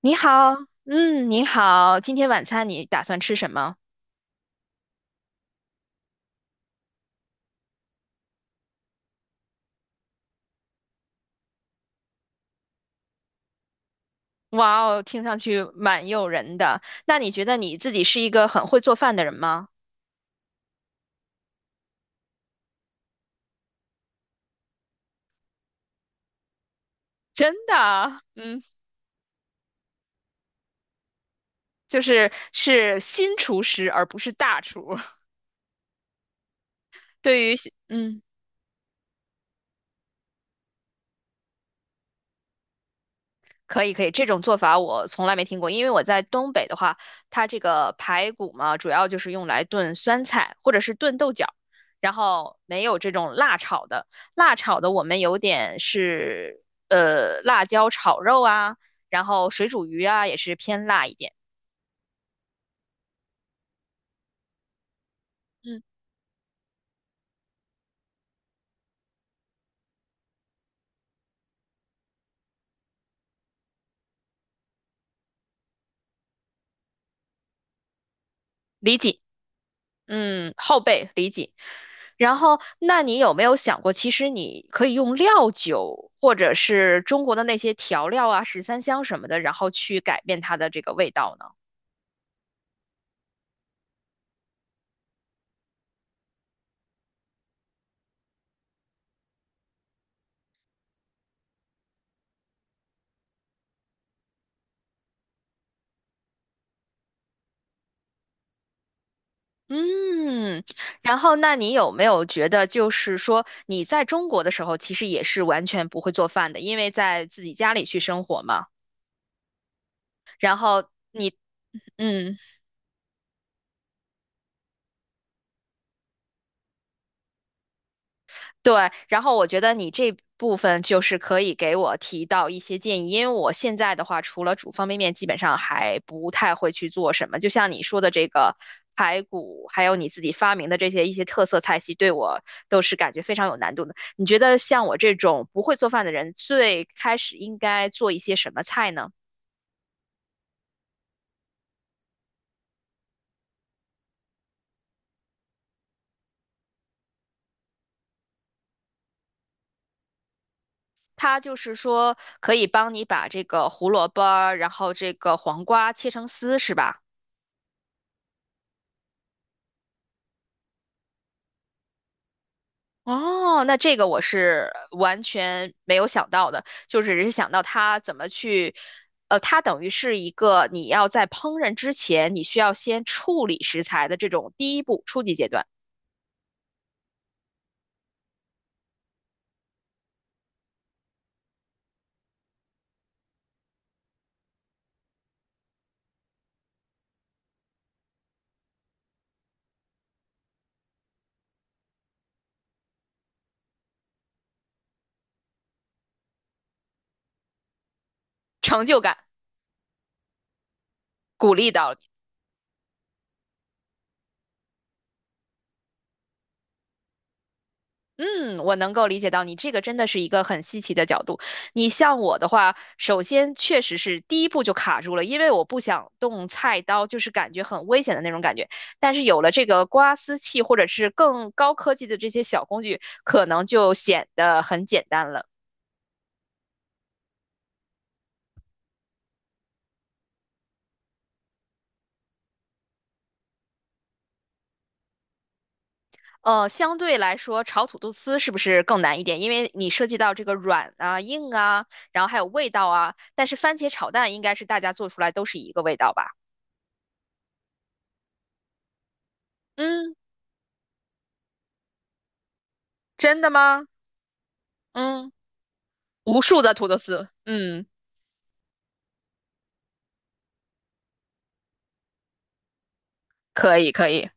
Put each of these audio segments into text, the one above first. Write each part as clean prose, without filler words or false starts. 你好。嗯，你好，今天晚餐你打算吃什么？哇哦，听上去蛮诱人的。那你觉得你自己是一个很会做饭的人吗？真的啊，嗯，就是新厨师而不是大厨。对于新。可以可以，这种做法我从来没听过，因为我在东北的话，它这个排骨嘛，主要就是用来炖酸菜或者是炖豆角，然后没有这种辣炒的。辣炒的我们有点是辣椒炒肉啊，然后水煮鱼啊也是偏辣一点。嗯，理解。嗯，后背理解。然后，那你有没有想过，其实你可以用料酒或者是中国的那些调料啊，十三香什么的，然后去改变它的这个味道呢？嗯，然后那你有没有觉得，就是说你在中国的时候，其实也是完全不会做饭的，因为在自己家里去生活嘛。然后，嗯。对，然后我觉得你这部分就是可以给我提到一些建议，因为我现在的话，除了煮方便面，基本上还不太会去做什么。就像你说的这个排骨，还有你自己发明的这些一些特色菜系，对我都是感觉非常有难度的。你觉得像我这种不会做饭的人，最开始应该做一些什么菜呢？它就是说可以帮你把这个胡萝卜，然后这个黄瓜切成丝，是吧？哦，那这个我是完全没有想到的，就只是想到它怎么去，呃，它等于是一个你要在烹饪之前，你需要先处理食材的这种第一步初级阶段，成就感鼓励到了。嗯，我能够理解到你这个真的是一个很稀奇的角度。你像我的话，首先确实是第一步就卡住了，因为我不想动菜刀，就是感觉很危险的那种感觉。但是有了这个刮丝器或者是更高科技的这些小工具，可能就显得很简单了。呃，相对来说，炒土豆丝是不是更难一点？因为你涉及到这个软啊、硬啊，然后还有味道啊。但是番茄炒蛋应该是大家做出来都是一个味道吧？嗯，真的吗？嗯。无数的土豆丝，嗯，可以可以，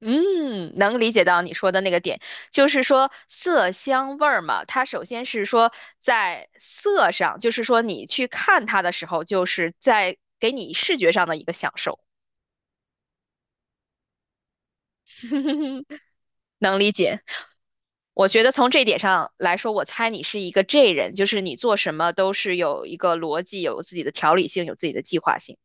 嗯，能理解到你说的那个点，就是说色香味儿嘛，它首先是说在色上，就是说你去看它的时候，就是在给你视觉上的一个享受，能理解。我觉得从这点上来说，我猜你是一个 J 人，就是你做什么都是有一个逻辑，有自己的条理性，有自己的计划性。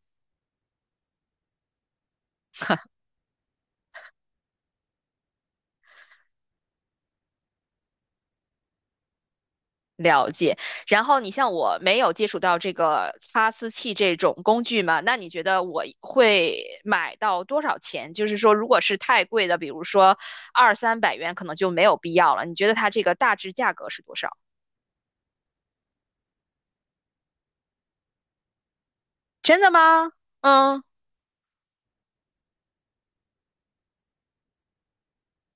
了解。然后你像我没有接触到这个擦丝器这种工具嘛，那你觉得我会买到多少钱？就是说，如果是太贵的，比如说二三百元，可能就没有必要了。你觉得它这个大致价格是多少？真的吗？嗯，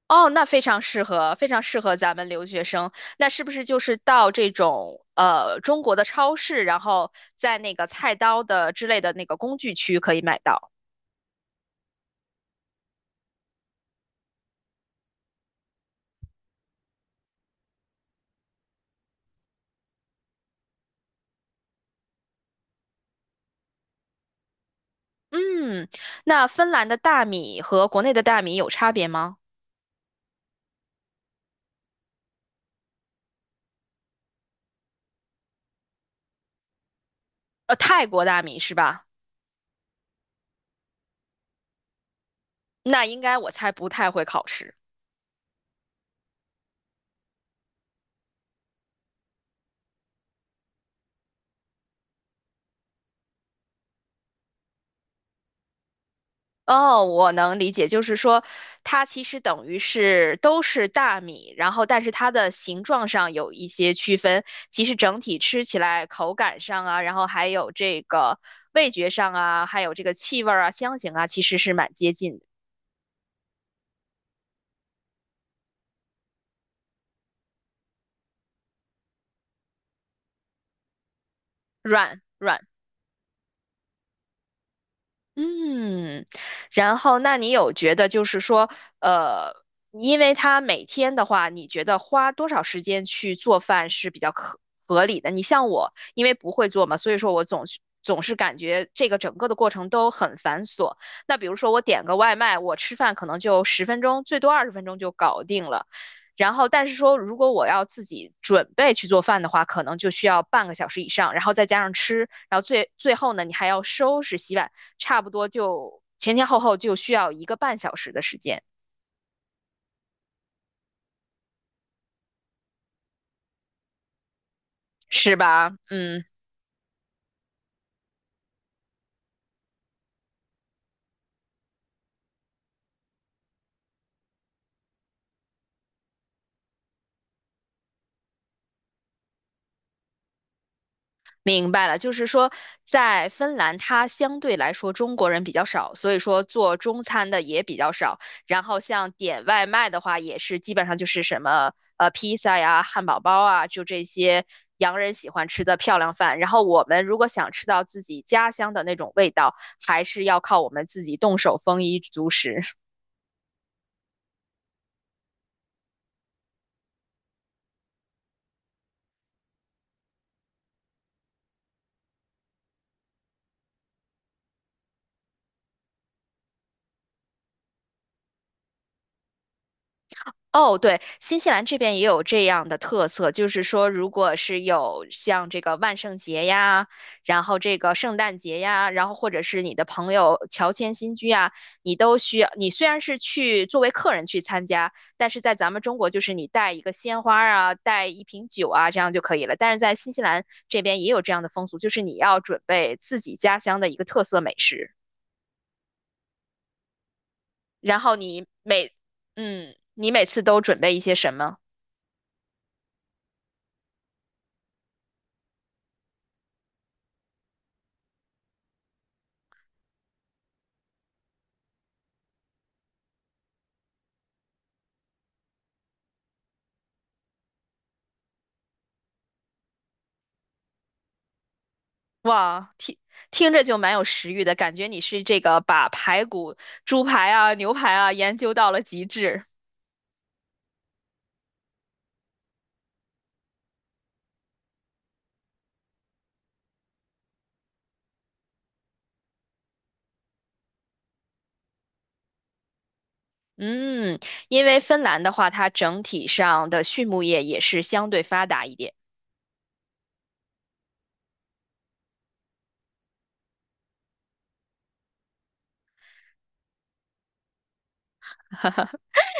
哦，那非常适合，非常适合咱们留学生。那是不是就是到这种中国的超市，然后在那个菜刀的之类的那个工具区可以买到？嗯，那芬兰的大米和国内的大米有差别吗？呃，泰国大米是吧？那应该我猜不太会考试。哦，我能理解，就是说它其实等于是都是大米，然后但是它的形状上有一些区分，其实整体吃起来口感上啊，然后还有这个味觉上啊，还有这个气味儿啊、香型啊，其实是蛮接近的，软软。嗯，然后那你有觉得就是说，呃，因为他每天的话，你觉得花多少时间去做饭是比较可合理的？你像我，因为不会做嘛，所以说我总是感觉这个整个的过程都很繁琐。那比如说我点个外卖，我吃饭可能就十分钟，最多20分钟就搞定了。然后，但是说如果我要自己准备去做饭的话，可能就需要半个小时以上，然后再加上吃，然后最后呢，你还要收拾、洗碗。差不多就前前后后就需要一个半小时的时间，是吧？嗯，明白了，就是说在芬兰，它相对来说中国人比较少，所以说做中餐的也比较少。然后像点外卖的话，也是基本上就是什么披萨呀、汉堡包啊，就这些洋人喜欢吃的漂亮饭。然后我们如果想吃到自己家乡的那种味道，还是要靠我们自己动手丰衣足食。哦，对，新西兰这边也有这样的特色，就是说，如果是有像这个万圣节呀，然后这个圣诞节呀，然后或者是你的朋友乔迁新居啊，你都需要，你虽然是去作为客人去参加，但是在咱们中国就是你带一个鲜花儿啊，带一瓶酒啊，这样就可以了。但是在新西兰这边也有这样的风俗，就是你要准备自己家乡的一个特色美食，然后你每，嗯，你每次都准备一些什么？哇，听听着就蛮有食欲的，感觉你是这个把排骨、猪排啊、牛排啊研究到了极致。嗯，因为芬兰的话，它整体上的畜牧业也是相对发达一点。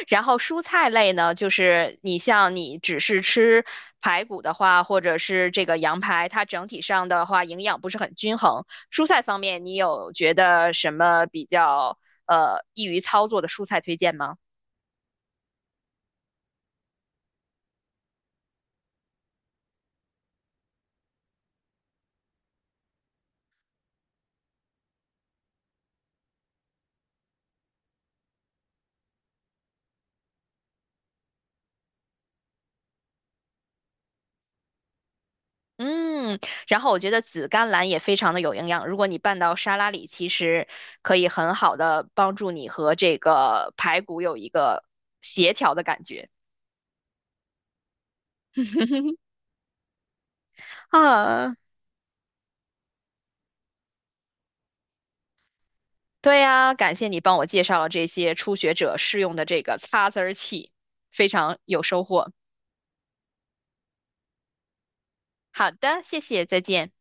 然后蔬菜类呢，就是你像你只是吃排骨的话，或者是这个羊排，它整体上的话营养不是很均衡。蔬菜方面，你有觉得什么比较易于操作的蔬菜推荐吗？嗯，然后我觉得紫甘蓝也非常的有营养，如果你拌到沙拉里，其实可以很好的帮助你和这个排骨有一个协调的感觉啊。对呀，感谢你帮我介绍了这些初学者适用的这个擦丝儿器，非常有收获。好的，谢谢，再见。